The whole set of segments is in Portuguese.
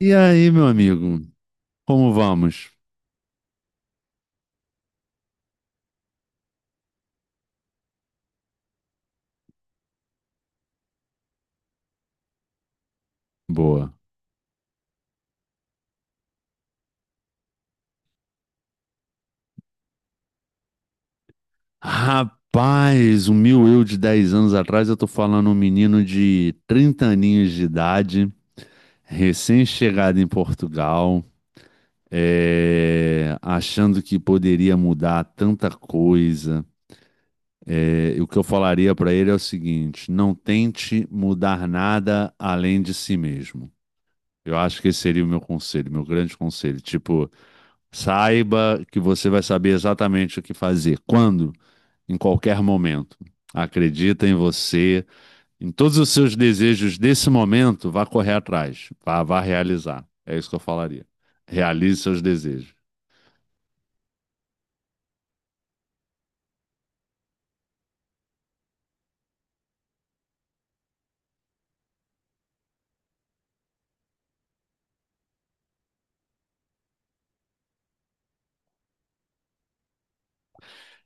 E aí, meu amigo, como vamos? Boa. Rapaz, o meu eu de 10 anos atrás, eu tô falando um menino de 30 aninhos de idade, recém-chegado em Portugal, achando que poderia mudar tanta coisa. E o que eu falaria pra ele é o seguinte: não tente mudar nada além de si mesmo. Eu acho que esse seria o meu conselho, meu grande conselho. Tipo, saiba que você vai saber exatamente o que fazer, quando, em qualquer momento. Acredita em você, em todos os seus desejos desse momento, vá correr atrás, vá realizar. É isso que eu falaria. Realize seus desejos.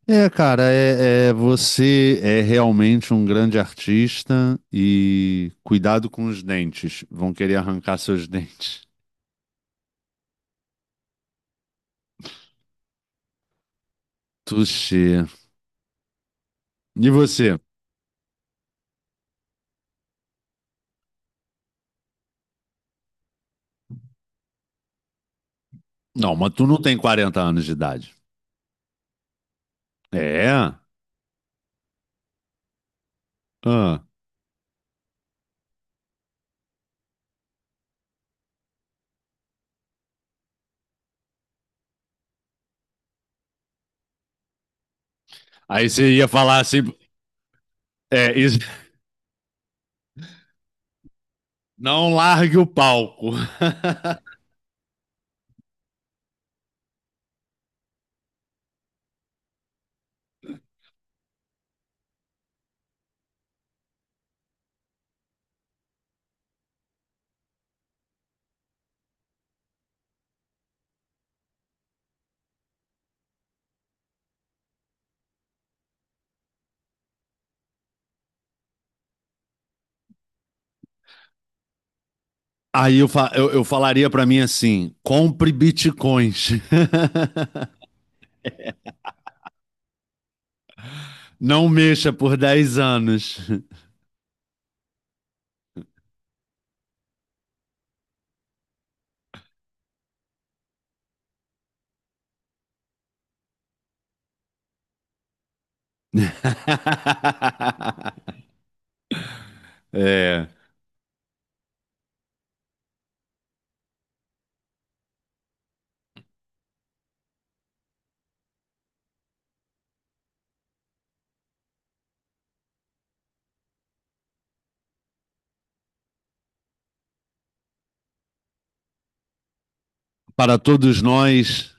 É, cara, você é realmente um grande artista e cuidado com os dentes. Vão querer arrancar seus dentes. Tuxê. E você? Não, mas tu não tem 40 anos de idade. É? Ah. Aí você ia falar assim, é, não largue o palco. Aí eu, fa- eu falaria pra mim assim: compre bitcoins. Não mexa por dez anos. É, para todos nós.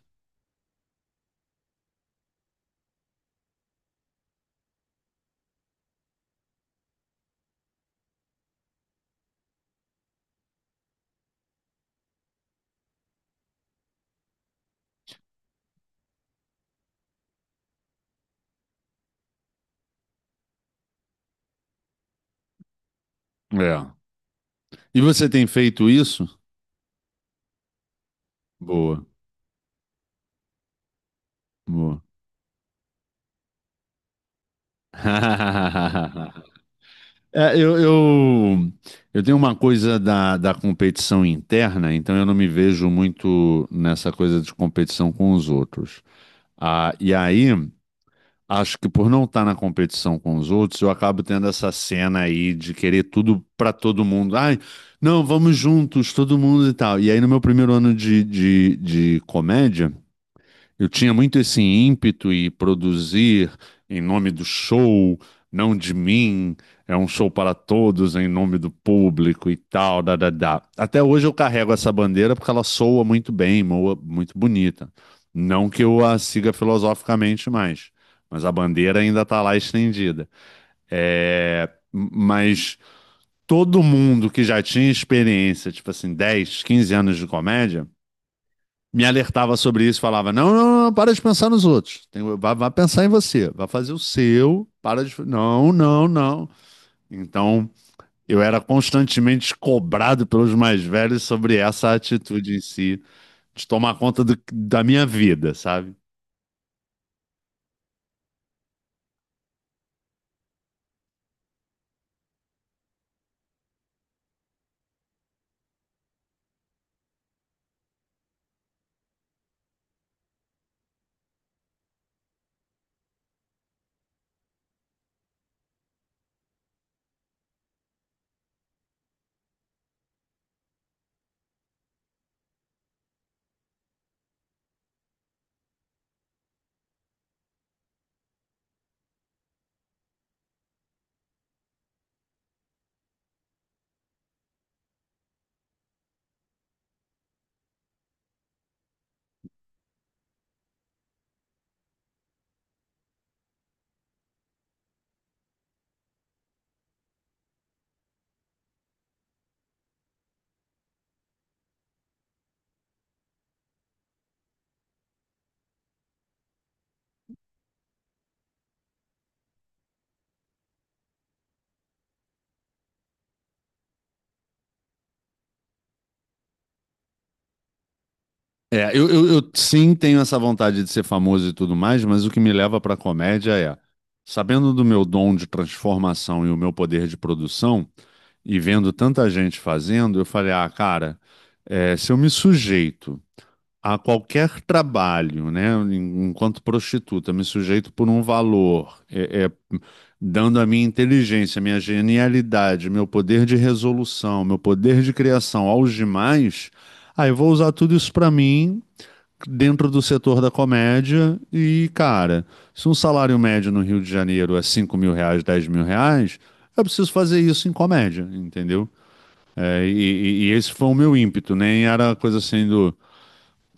É. E você tem feito isso? Boa, boa. É, eu, eu, eu tenho uma coisa da competição interna, então eu não me vejo muito nessa coisa de competição com os outros. Ah, e aí, acho que por não estar na competição com os outros, eu acabo tendo essa cena aí de querer tudo para todo mundo. Ai, não, vamos juntos, todo mundo e tal. E aí, no meu primeiro ano de comédia, eu tinha muito esse ímpeto e produzir em nome do show, não de mim, é um show para todos em nome do público e tal, da, da, da. Até hoje eu carrego essa bandeira porque ela soa muito bem, moa muito bonita. Não que eu a siga filosoficamente mais, mas a bandeira ainda está lá estendida. É, mas todo mundo que já tinha experiência, tipo assim, 10, 15 anos de comédia, me alertava sobre isso, falava: não, não, não, para de pensar nos outros. Tem, vai pensar em você, vai fazer o seu, para de. Não, não, não. Então, eu era constantemente cobrado pelos mais velhos sobre essa atitude em si, de tomar conta da minha vida, sabe? Eu sim tenho essa vontade de ser famoso e tudo mais, mas o que me leva para comédia sabendo do meu dom de transformação e o meu poder de produção, e vendo tanta gente fazendo, eu falei, ah, cara. É, se eu me sujeito a qualquer trabalho, né, enquanto prostituta, me sujeito por um valor, dando a minha inteligência, minha genialidade, meu poder de resolução, meu poder de criação aos demais, aí eu vou usar tudo isso para mim dentro do setor da comédia e, cara, se um salário médio no Rio de Janeiro é 5 mil reais, 10 mil reais, eu preciso fazer isso em comédia, entendeu? E esse foi o meu ímpeto, nem era coisa assim do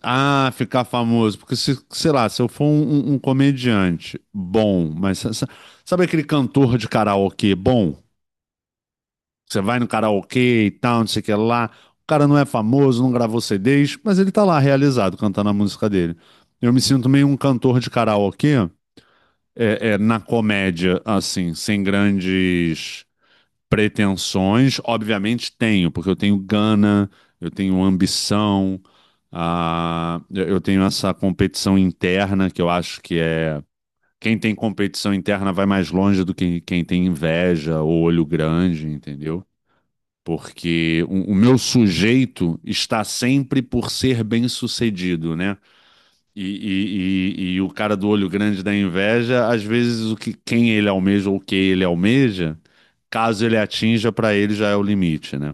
ah, ficar famoso. Porque, se, sei lá, se eu for um comediante bom, mas sabe aquele cantor de karaokê bom? Você vai no karaokê e tal, não sei o que lá. O cara não é famoso, não gravou CDs, mas ele tá lá realizado cantando a música dele. Eu me sinto meio um cantor de karaokê na comédia, assim, sem grandes pretensões, obviamente tenho, porque eu tenho gana, eu tenho ambição, ah, eu tenho essa competição interna que eu acho que é. Quem tem competição interna vai mais longe do que quem tem inveja ou olho grande, entendeu? Porque o meu sujeito está sempre por ser bem-sucedido, né? E o cara do olho grande da inveja, às vezes o que quem ele almeja ou o que ele almeja, caso ele atinja, pra ele já é o limite, né?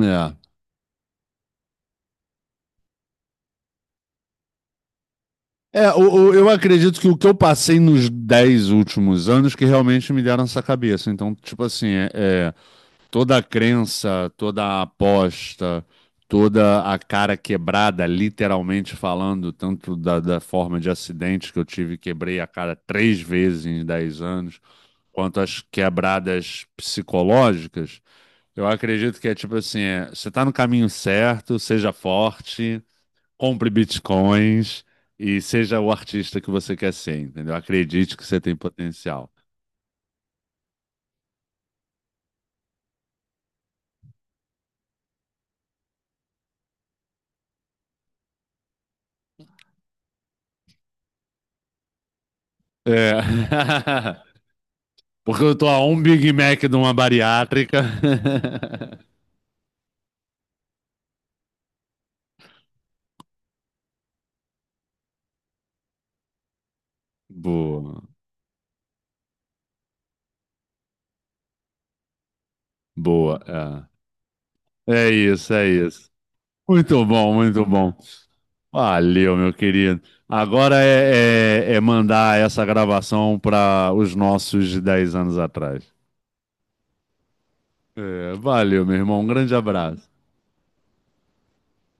É, é, eu acredito que o que eu passei nos 10 últimos anos que realmente me deram essa cabeça. Então, tipo assim, toda a crença, toda a aposta, toda a cara quebrada, literalmente falando, tanto da forma de acidente que eu tive, quebrei a cara três vezes em 10 anos. Quanto às quebradas psicológicas, eu acredito que é tipo assim, é, você está no caminho certo, seja forte, compre bitcoins e seja o artista que você quer ser, entendeu? Acredite que você tem potencial. É. Porque eu tô a um Big Mac de uma bariátrica. Boa, boa. É, é isso, é isso. Muito bom, muito bom. Valeu, meu querido. Agora é mandar essa gravação para os nossos de 10 anos atrás. É, valeu, meu irmão. Um grande abraço.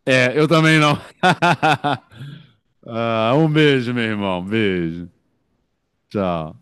É, eu também não. Ah, um beijo, meu irmão. Beijo. Tchau.